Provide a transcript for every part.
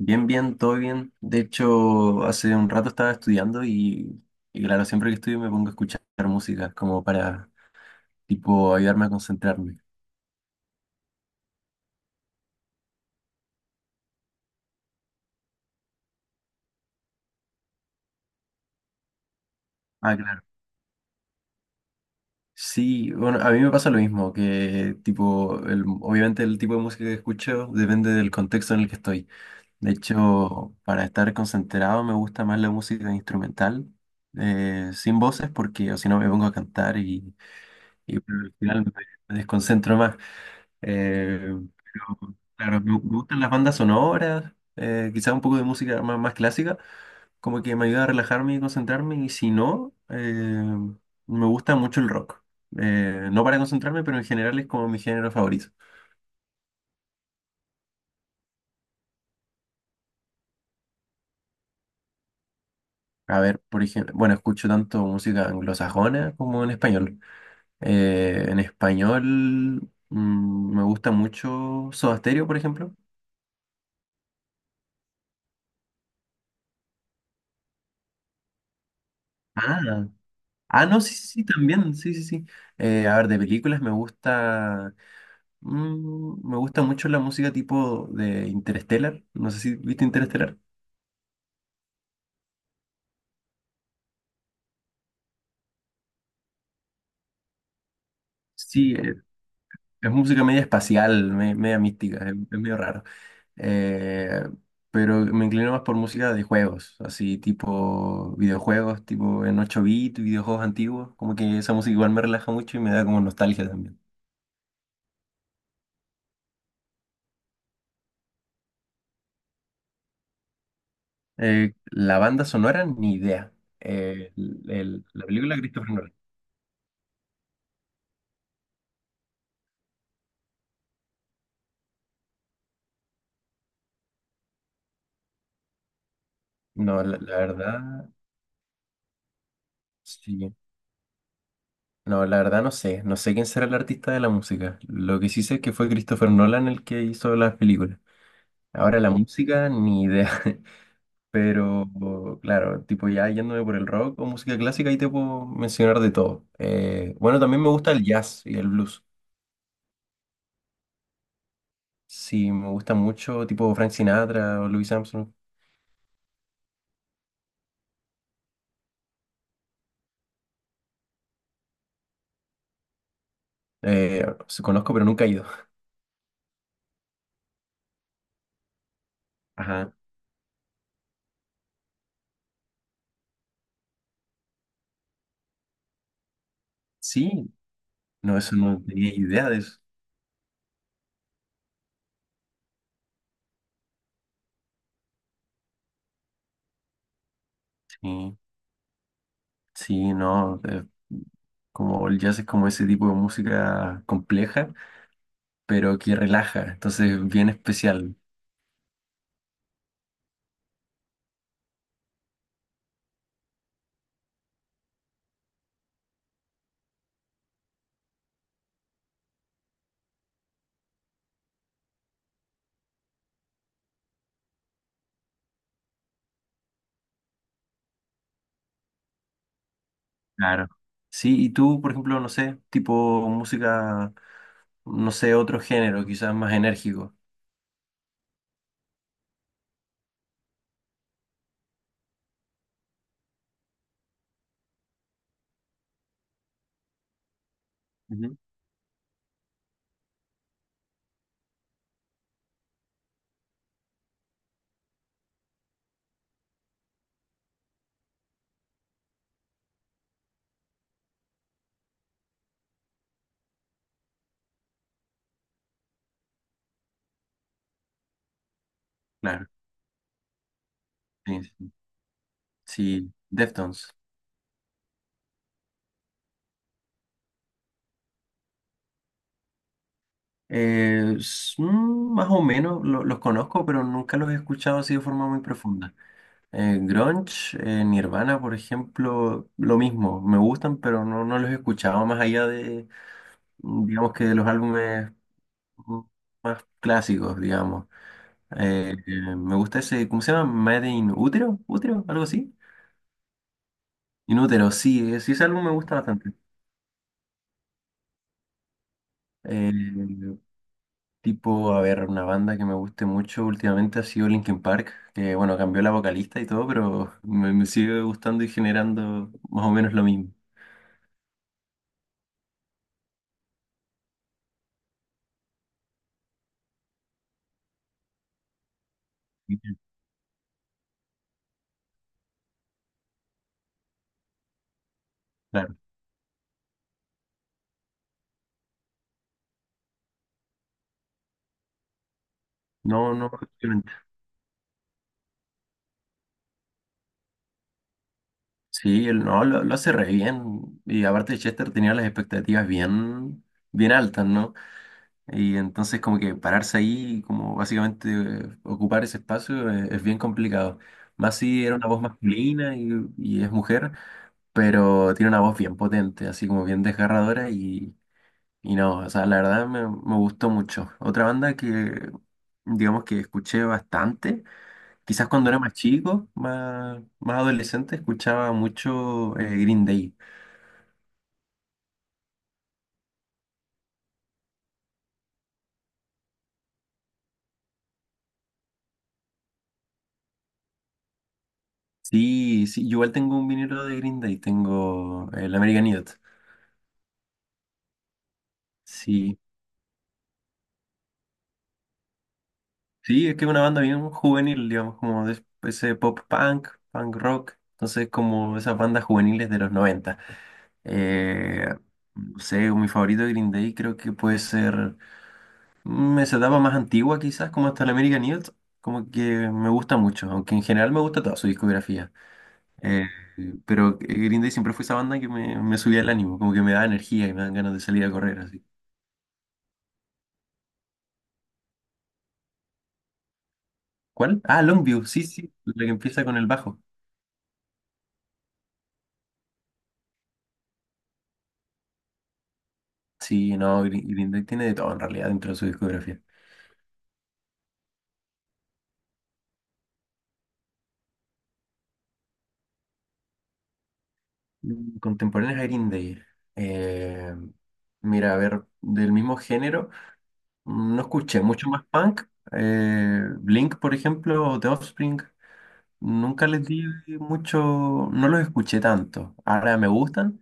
Bien, bien, todo bien. De hecho, hace un rato estaba estudiando y claro, siempre que estudio me pongo a escuchar música como para, tipo, ayudarme a concentrarme. Ah, claro. Sí, bueno, a mí me pasa lo mismo, que tipo, obviamente el tipo de música que escucho depende del contexto en el que estoy. De hecho, para estar concentrado me gusta más la música instrumental, sin voces, porque o si no me pongo a cantar y bueno, al final me desconcentro más. Eh, pero, claro, me gustan las bandas sonoras, quizás un poco de música más, más clásica, como que me ayuda a relajarme y concentrarme, y si no, me gusta mucho el rock. No para concentrarme, pero en general es como mi género favorito. A ver, por ejemplo, bueno, escucho tanto música anglosajona como en español. En español me gusta mucho Soda Stereo, por ejemplo. Ah, ah, no, sí, sí, sí, también, sí, sí, sí. A ver, de películas me gusta. Me gusta mucho la música tipo de Interstellar. No sé si viste Interstellar. Sí, es música media espacial, media mística, es medio raro. Eh, pero me inclino más por música de juegos, así tipo videojuegos, tipo en 8 bits, videojuegos antiguos. Como que esa música igual me relaja mucho y me da como nostalgia también. La banda sonora, ni idea. La película de Christopher Nolan. No, la verdad, sí. No, la verdad no sé. No sé quién será el artista de la música. Lo que sí sé es que fue Christopher Nolan el que hizo las películas. Ahora la música, ni idea. Pero claro, tipo ya yéndome por el rock o música clásica, ahí te puedo mencionar de todo. Bueno, también me gusta el jazz y el blues. Sí, me gusta mucho, tipo Frank Sinatra o Louis Armstrong. Se conozco, pero nunca he ido. Ajá. Sí, no, eso no tenía idea de eso. Sí. Sí, no, como el jazz es como ese tipo de música compleja, pero que relaja, entonces bien especial. Claro. Sí, y tú, por ejemplo, no sé, tipo música, no sé, otro género, quizás más enérgico. Ujú. Claro, sí, sí. Sí, Deftones. Más o menos los conozco, pero nunca los he escuchado así de forma muy profunda. Grunge, Nirvana, por ejemplo, lo mismo, me gustan, pero no, no los he escuchado más allá de digamos que de los álbumes mm, más clásicos, digamos. Me gusta ese, ¿cómo se llama? Made in Útero, ¿Útero? ¿Algo así? Inútero, sí, sí, ese álbum me gusta bastante. Eh, Tipo, a ver, una banda que me guste mucho últimamente ha sido Linkin Park, que bueno, cambió la vocalista y todo, pero me sigue gustando y generando más o menos lo mismo. Claro. No, no, efectivamente. Sí, él no, lo hace re bien. Y aparte Chester tenía las expectativas bien, bien altas, ¿no? Y entonces como que pararse ahí, y como básicamente ocupar ese espacio es, bien complicado. Más si era una voz masculina y es mujer, pero tiene una voz bien potente, así como bien desgarradora y no, o sea, la verdad me gustó mucho. Otra banda que digamos que escuché bastante, quizás cuando era más chico, más, más adolescente, escuchaba mucho Green Day. Sí, sí, yo igual tengo un vinilo de Green Day, tengo el American Idiot. Sí, sí, es que es una banda bien juvenil, digamos, como de ese pop punk, punk rock, entonces como esas bandas juveniles de los 90. Eh, no sé, mi favorito de Green Day creo que puede ser esa etapa más antigua quizás, como hasta el American Idiot, como que me gusta mucho, aunque en general me gusta toda su discografía. Eh, pero Green Day siempre fue esa banda que me subía el ánimo, como que me da energía y me dan ganas de salir a correr así. ¿Cuál? Ah, Longview, sí, sí, la que empieza con el bajo. Sí, no, Green Day tiene de todo en realidad dentro de su discografía. Contemporáneos a Green Day. eh, mira, a ver, del mismo género, no escuché mucho más punk. Blink, por ejemplo, o The Offspring, nunca les di mucho, no los escuché tanto. Ahora me gustan,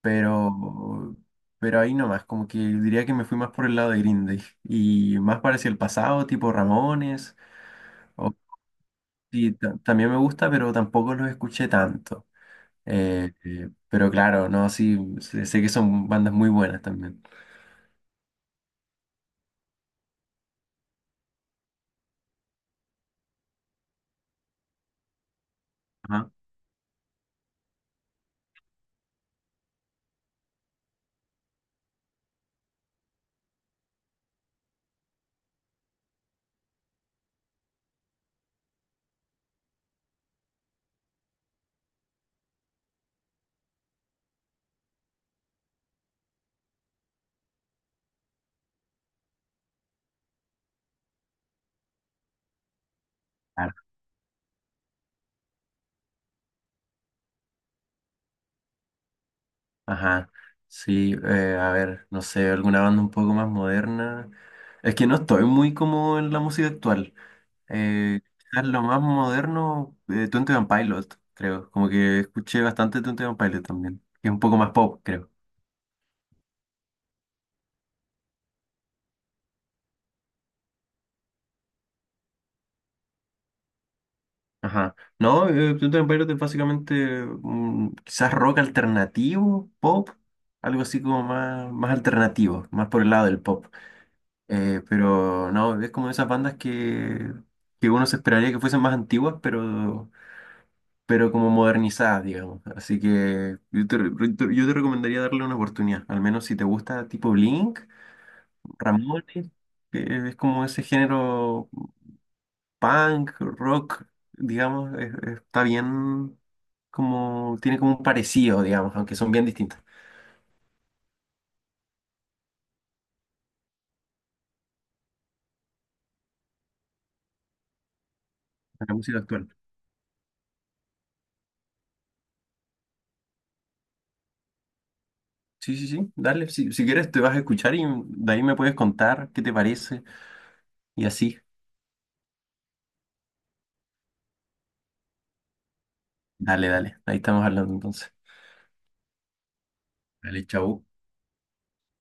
pero, pero ahí nomás, como que diría que me fui más por el lado de Green Day y más parecía el pasado, tipo Ramones. o- sí, también me gusta, pero tampoco los escuché tanto. Pero claro, no, sí, sé que son bandas muy buenas también. Ajá. Claro. Ajá. Sí, a ver, no sé, alguna banda un poco más moderna. Es que no estoy muy como en la música actual. Quizás lo más moderno, Twenty One Pilot, creo. Como que escuché bastante Twenty One Pilot también, que es un poco más pop, creo. Ajá. No, Pluto Empire es básicamente quizás rock alternativo, pop, algo así como más, más alternativo, más por el lado del pop. Pero no, es como de esas bandas que uno se esperaría que fuesen más antiguas, pero como modernizadas, digamos. Así que yo te, re- yo te recomendaría darle una oportunidad, al menos si te gusta tipo Blink, Ramones, que es como ese género punk, rock, digamos, está bien como, tiene como un parecido, digamos, aunque son bien distintas a la música actual. Sí, sí, sí, dale, si, si quieres te vas a escuchar y de ahí me puedes contar qué te parece y así. Dale, dale, ahí estamos hablando entonces. Dale, chau.